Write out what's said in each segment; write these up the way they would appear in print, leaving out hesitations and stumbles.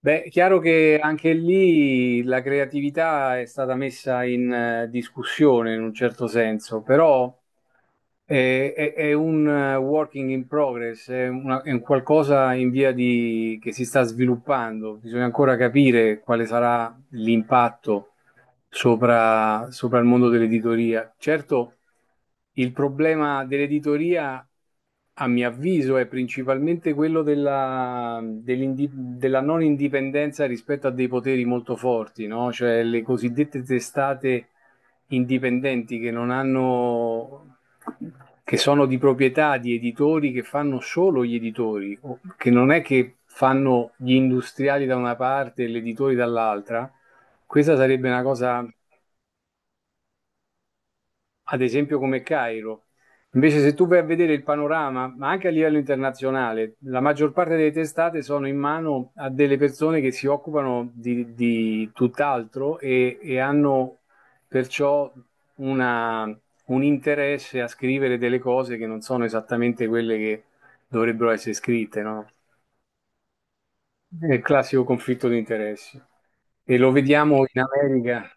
Beh, è chiaro che anche lì la creatività è stata messa in discussione in un certo senso, però è un working in progress, è un qualcosa in via che si sta sviluppando. Bisogna ancora capire quale sarà l'impatto sopra il mondo dell'editoria. Certo, il problema dell'editoria, a mio avviso, è principalmente quello della non indipendenza rispetto a dei poteri molto forti, no? Cioè le cosiddette testate indipendenti che non hanno che sono di proprietà di editori che fanno solo gli editori, che non è che fanno gli industriali da una parte e gli editori dall'altra, questa sarebbe una cosa ad esempio come Cairo. Invece se tu vai a vedere il panorama, ma anche a livello internazionale, la maggior parte delle testate sono in mano a delle persone che si occupano di tutt'altro e hanno perciò una- un interesse a scrivere delle cose che non sono esattamente quelle che dovrebbero essere scritte, no? È il classico conflitto di interessi. E lo vediamo in America.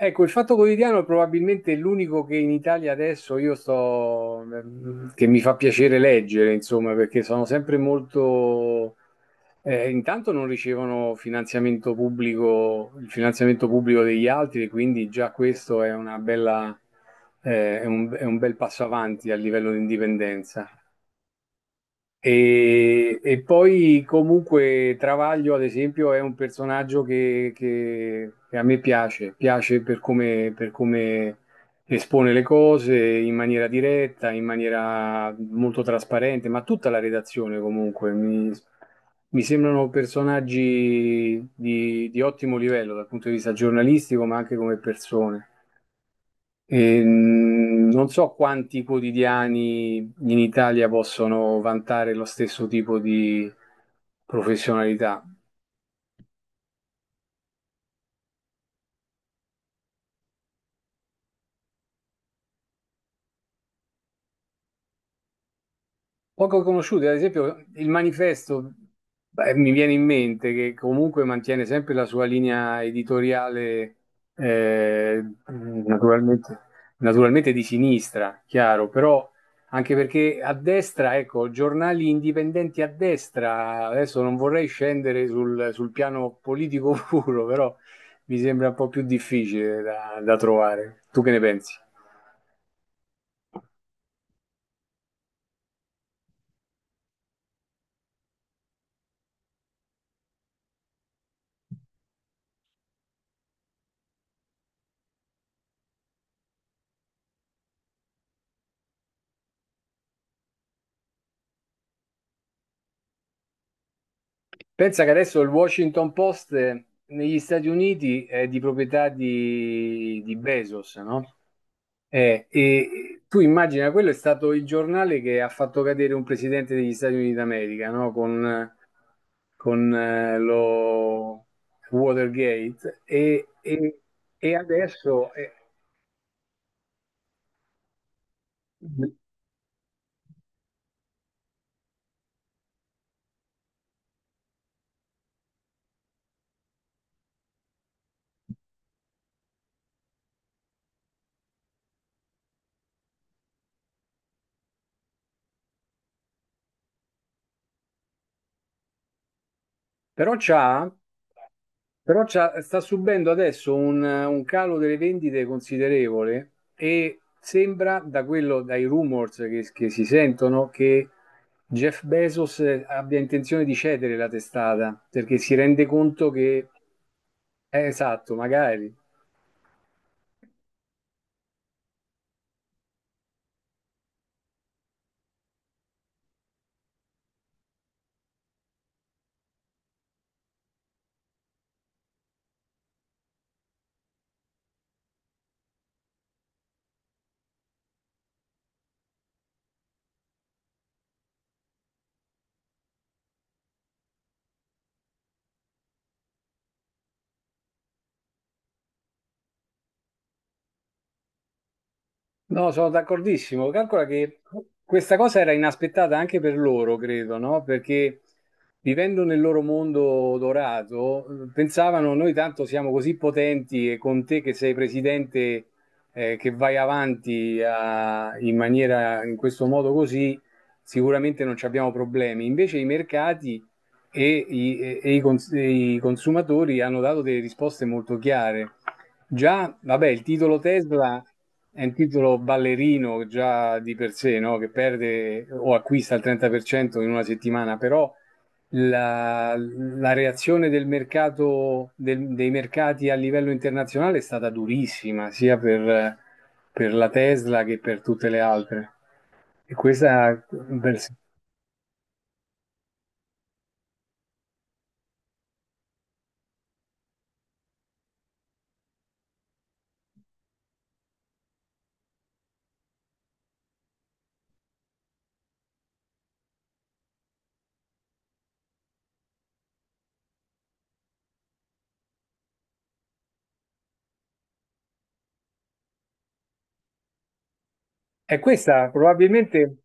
Ecco, il Fatto Quotidiano è probabilmente l'unico che in Italia adesso io sto, mm, che mi fa piacere leggere, insomma, perché sono sempre molto, intanto non ricevono finanziamento pubblico, il finanziamento pubblico degli altri, e quindi già questo è una bella, è un bel passo avanti a livello di indipendenza. E poi comunque Travaglio, ad esempio, è un personaggio che a me piace, piace per come espone le cose in maniera diretta, in maniera molto trasparente, ma tutta la redazione comunque mi sembrano personaggi di ottimo livello dal punto di vista giornalistico, ma anche come persone. Non so quanti quotidiani in Italia possono vantare lo stesso tipo di professionalità. Poco conosciuti, ad esempio, il manifesto, beh, mi viene in mente che comunque mantiene sempre la sua linea editoriale, naturalmente, naturalmente di sinistra, chiaro, però anche perché a destra, ecco, giornali indipendenti a destra, adesso non vorrei scendere sul piano politico puro, però mi sembra un po' più difficile da trovare. Tu che ne pensi? Pensa che adesso il Washington Post negli Stati Uniti è di proprietà di Bezos, no? E tu immagina, quello è stato il giornale che ha fatto cadere un presidente degli Stati Uniti d'America, no? Con lo Watergate e adesso... Però c'ha, sta subendo adesso un calo delle vendite considerevole e sembra, da quello, dai rumors che si sentono, che Jeff Bezos abbia intenzione di cedere la testata perché si rende conto che, esatto, magari. No, sono d'accordissimo. Calcola che questa cosa era inaspettata anche per loro, credo, no? Perché vivendo nel loro mondo dorato, pensavano noi tanto siamo così potenti e con te che sei presidente, che vai avanti in maniera, in questo modo così, sicuramente non ci abbiamo problemi. Invece i mercati e i i consumatori hanno dato delle risposte molto chiare. Già, vabbè, il titolo Tesla è un titolo ballerino già di per sé, no? Che perde o acquista il 30% in una settimana, però la reazione del mercato, dei mercati a livello internazionale è stata durissima, sia per la Tesla che per tutte le altre. E questa, per- e questa probabilmente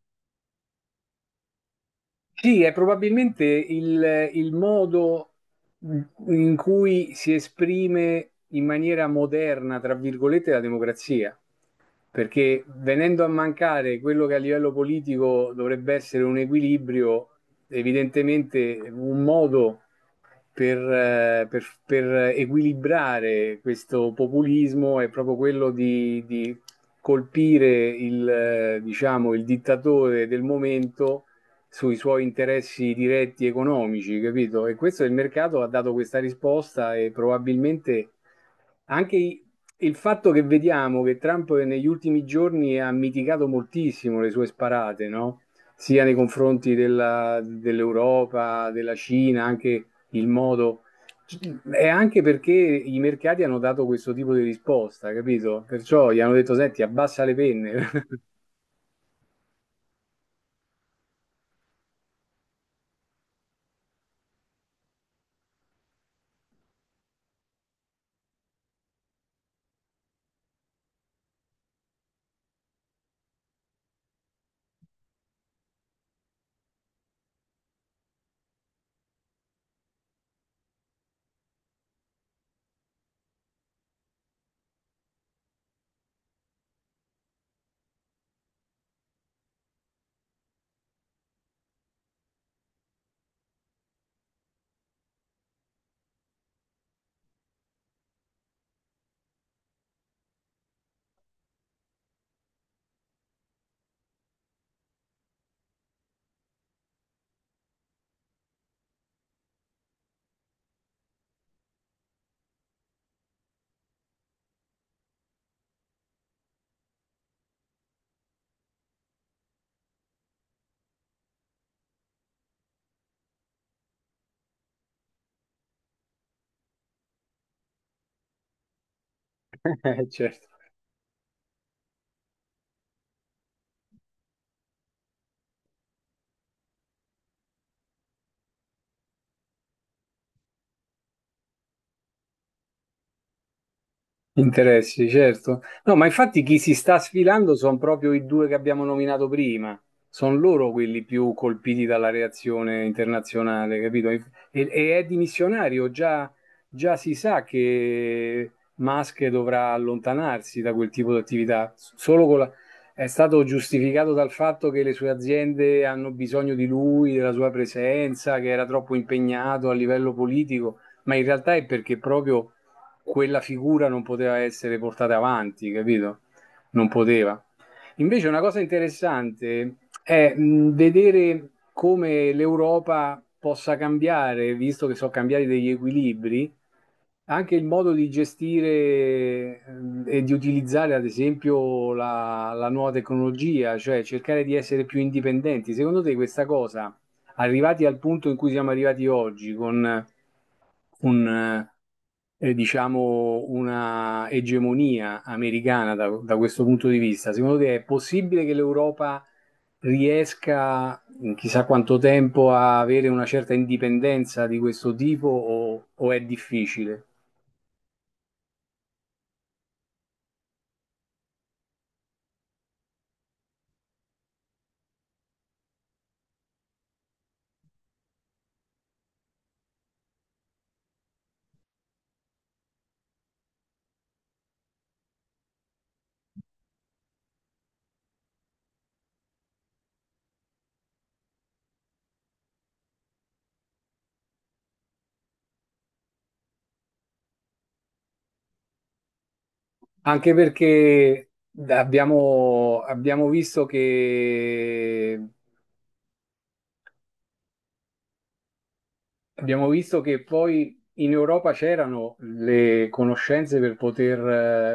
Sì, è probabilmente il modo in cui si esprime in maniera moderna, tra virgolette, la democrazia. Perché venendo a mancare quello che a livello politico dovrebbe essere un equilibrio, evidentemente un modo per, per equilibrare questo populismo è proprio quello di colpire il, diciamo, il dittatore del momento sui suoi interessi diretti economici, capito? E questo il mercato ha dato questa risposta e probabilmente anche i- il fatto che vediamo che Trump negli ultimi giorni ha mitigato moltissimo le sue sparate, no? Sia nei confronti dell'Europa, della Cina, anche il modo... È anche perché i mercati hanno dato questo tipo di risposta, capito? Perciò gli hanno detto, senti, abbassa le penne. Certo. Interessi, certo. No, ma infatti chi si sta sfilando sono proprio i due che abbiamo nominato prima. Sono loro quelli più colpiti dalla reazione internazionale, capito? E è dimissionario, già, già si sa che Musk dovrà allontanarsi da quel tipo di attività. Solo con è stato giustificato dal fatto che le sue aziende hanno bisogno di lui, della sua presenza, che era troppo impegnato a livello politico, ma in realtà è perché proprio quella figura non poteva essere portata avanti, capito? Non poteva. Invece una cosa interessante è vedere come l'Europa possa cambiare, visto che sono cambiati degli equilibri, anche il modo di gestire e di utilizzare, ad esempio, la nuova tecnologia, cioè cercare di essere più indipendenti. Secondo te questa cosa, arrivati al punto in cui siamo arrivati oggi, con un, diciamo, una egemonia americana da questo punto di vista, secondo te è possibile che l'Europa riesca in chissà quanto tempo a avere una certa indipendenza di questo tipo o è difficile? Anche perché abbiamo, abbiamo visto che, abbiamo visto che poi in Europa c'erano le conoscenze per poter,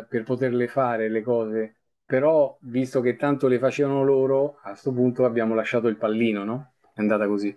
per poterle fare le cose, però visto che tanto le facevano loro, a sto punto abbiamo lasciato il pallino, no? È andata così.